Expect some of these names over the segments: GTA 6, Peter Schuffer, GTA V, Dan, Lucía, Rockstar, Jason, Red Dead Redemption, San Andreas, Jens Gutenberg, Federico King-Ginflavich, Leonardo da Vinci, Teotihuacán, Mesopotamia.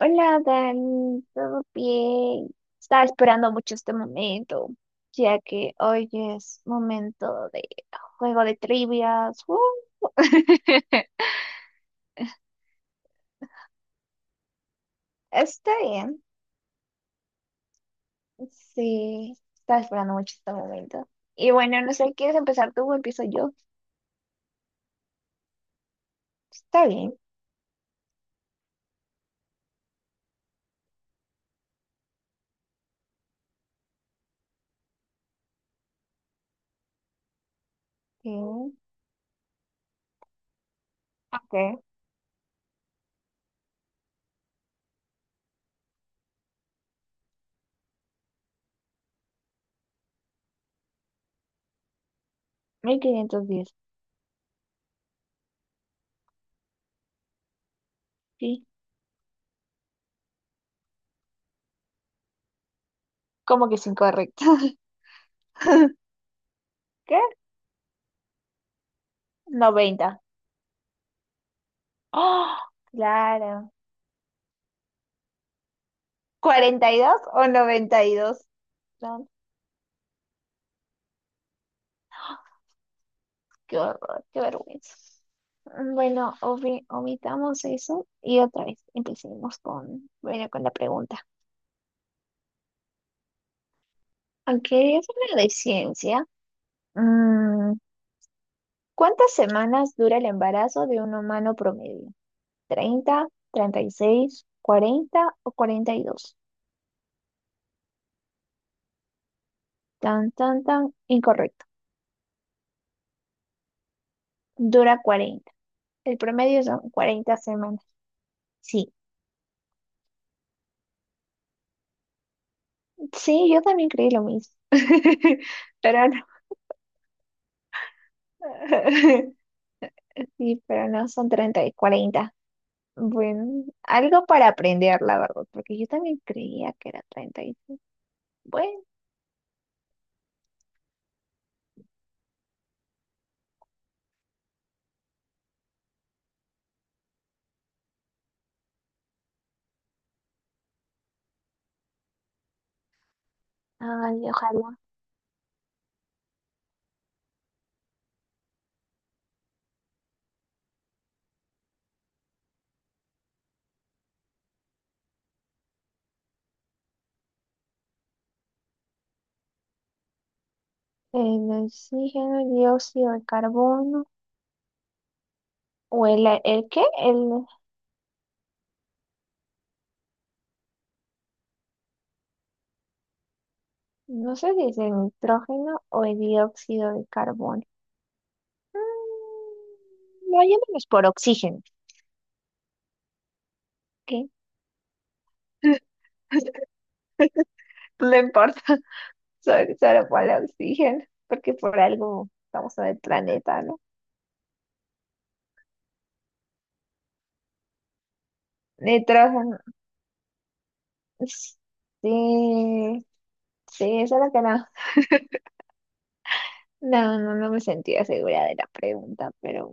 Hola, Dan, ¿todo bien? Estaba esperando mucho este momento, ya que hoy es momento de juego de trivias. Está bien. Sí, estaba esperando mucho este momento. Y bueno, no sé, ¿quieres empezar tú o empiezo yo? Está bien. Sí, ok. ¿1510? Sí. ¿Cómo que es incorrecto? ¿Qué? 90. ¡Oh! Claro. ¿42 o 92? No. Qué horror, qué vergüenza. Bueno, omitamos eso y otra vez empecemos con, bueno, con la pregunta. Aunque es una de ciencia, mm, ¿cuántas semanas dura el embarazo de un humano promedio? 30, 36, 40 o 42. Tan, tan, tan, incorrecto. Dura 40. El promedio son 40 semanas. Sí, sí, yo también creí lo mismo. Pero no. Sí, pero no son 30 y 40. Bueno, algo para aprender, la verdad, porque yo también creía que era treinta y... Bueno, ay, ojalá. El oxígeno, el dióxido de carbono, o ¿el qué? El, no sé si es el nitrógeno o el dióxido de carbono. Vayámonos por oxígeno, ¿ok? No importa, solo por el oxígeno, porque por algo estamos en el planeta, ¿no? Nitrógeno. Sí, sí, solo que no, no me sentía segura de la pregunta,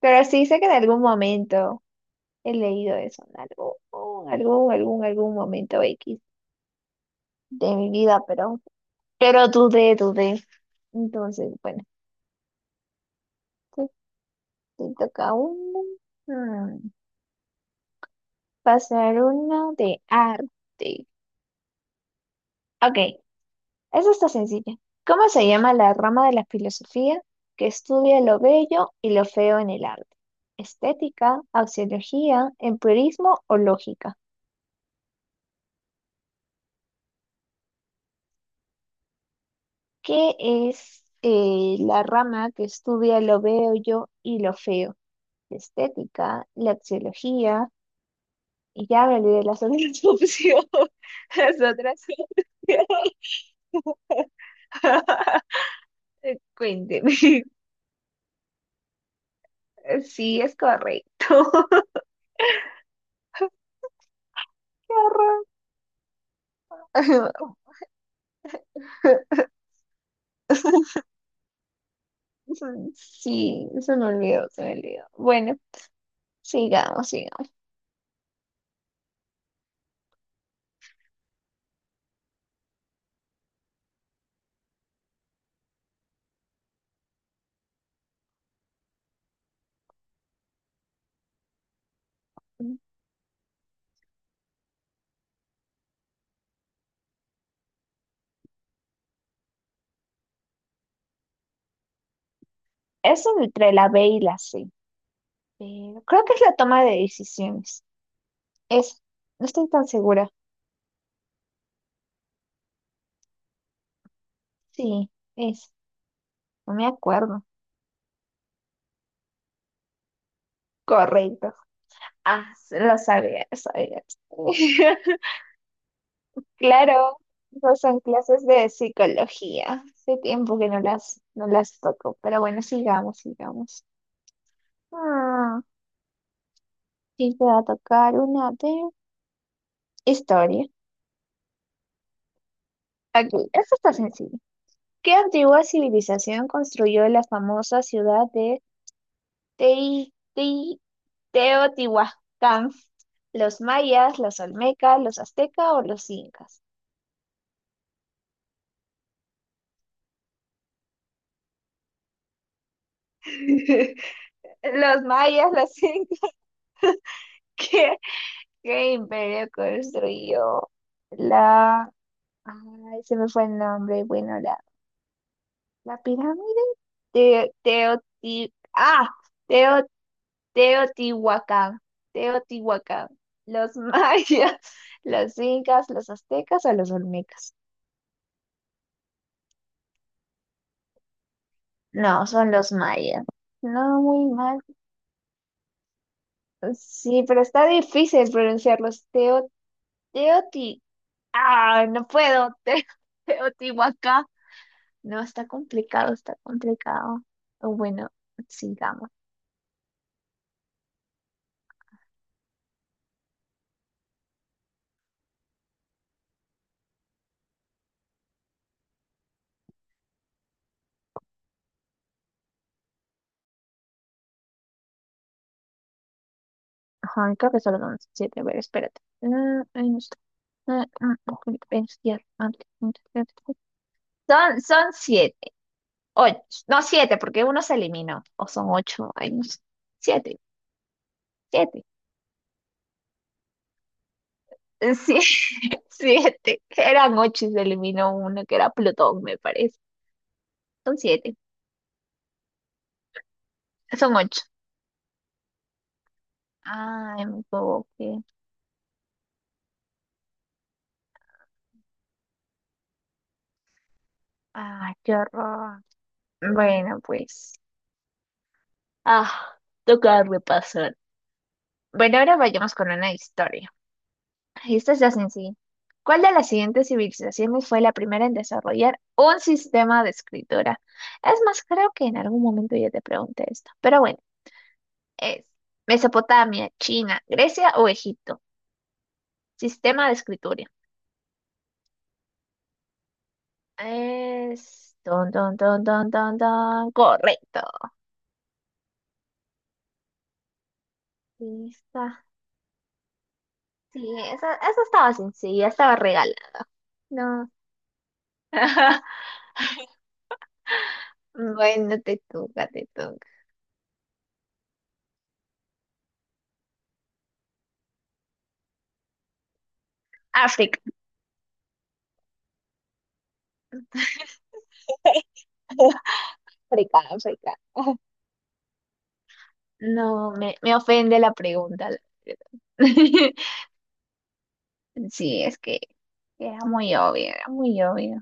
pero sí sé que en algún momento he leído eso, en algún momento X de mi vida, pero dudé, dudé. Entonces, bueno, te, te toca uno. Mm, pasar uno de arte. Ok, eso está sencilla. ¿Cómo se llama la rama de la filosofía que estudia lo bello y lo feo en el arte? ¿Estética, axiología, empirismo o lógica? ¿Qué es la rama que estudia lo bello y lo feo? Estética, la axiología, y ya me olvidé las otras opciones. Las otras opciones. Cuénteme. Sí, es correcto. Qué horror. Eso- sí, se me olvidó. Bueno, sigamos, sigamos. Eso entre la B y la C, pero creo que es la toma de decisiones. Es, no estoy tan segura. Sí, es, no me acuerdo. Correcto. Ah, sí, lo sabía, lo sabía. Claro, esas son clases de psicología. Hace tiempo que no las toco, pero bueno, sigamos, sigamos. Ah, y te va a tocar una de historia. Aquí, esto está sencillo. ¿Qué antigua civilización construyó la famosa ciudad de Tei- Tei- Teotihuacán? ¿Los mayas, los olmecas, los aztecas o los incas? Los mayas, los incas. ¿Qué, qué imperio construyó la... Ay, se me fue el nombre. Bueno, la pirámide de Teotihuacán. Ah, Teotihuacán, Teotihuacán, los mayas, los incas, los aztecas o los olmecas. No, son los mayas. No, muy mal. Sí, pero está difícil pronunciarlos. Teo, Teoti. Ah, no puedo. Teotihuacán. No, está complicado, está complicado. Bueno, sigamos. Ajá, creo que solo son 7. A ver, espérate. Mm, ahí no está. Mm, pensar. Son 7. 8, no, 7, porque uno se eliminó. O son 8, ay, no sé. 7, 7. Sí, 7. Eran 8 y se eliminó uno, que era Plutón, me parece. Son siete, son ocho. Ay, me equivoqué. Ay, qué horror. Bueno, pues. Ah, toca repasar. Bueno, ahora vayamos con una historia. Esta es ya sencilla. ¿Cuál de las siguientes civilizaciones fue la primera en desarrollar un sistema de escritura? Es más, creo que en algún momento ya te pregunté esto, pero bueno, es Mesopotamia, China, Grecia o Egipto. Sistema de escritura. Es... don, don, don, don, don, don. Correcto. Lista. Sí, esa estaba sencilla, estaba regalada. No. Bueno, te toca, te toca. África, África, África. No, me ofende la pregunta. Sí, es que era muy obvio, era muy obvio.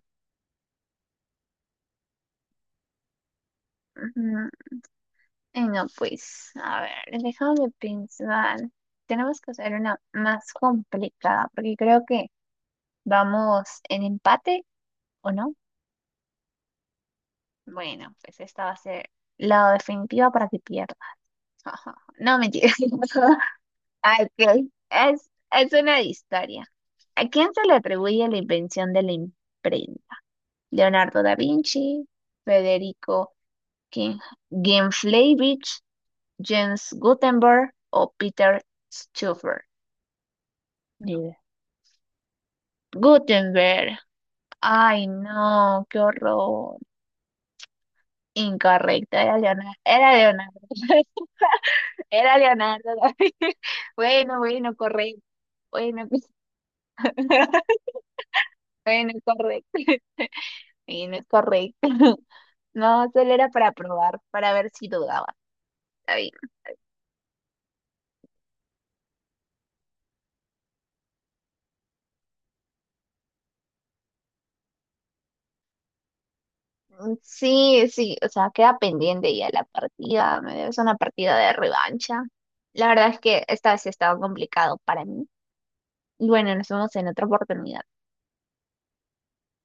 Ujú. Y no, pues, a ver, déjame pensar. Tenemos que hacer una más complicada, porque creo que vamos en empate, ¿o no? Bueno, pues esta va a ser la definitiva para que pierda. Ajá. No, mentira. Ok, es una historia. ¿A quién se le atribuye la invención de la imprenta? Leonardo da Vinci, Federico King- Ginflavich, Jens Gutenberg o Peter Schuffer. Ni idea. Gutenberg. Ay, no, qué horror. Incorrecto, era Leonardo. Era Leonardo. Era Leonardo da Vinci. Bueno, bueno, correcto. Bueno, bueno, correcto. Bueno, correcto. No, solo era para probar, para ver si dudaba. Está bien. Mm, sí, sí, o sea, queda pendiente ya la partida, me debes una partida de revancha. La verdad es que esta vez sí estaba complicado para mí. Y bueno, nos vemos en otra oportunidad.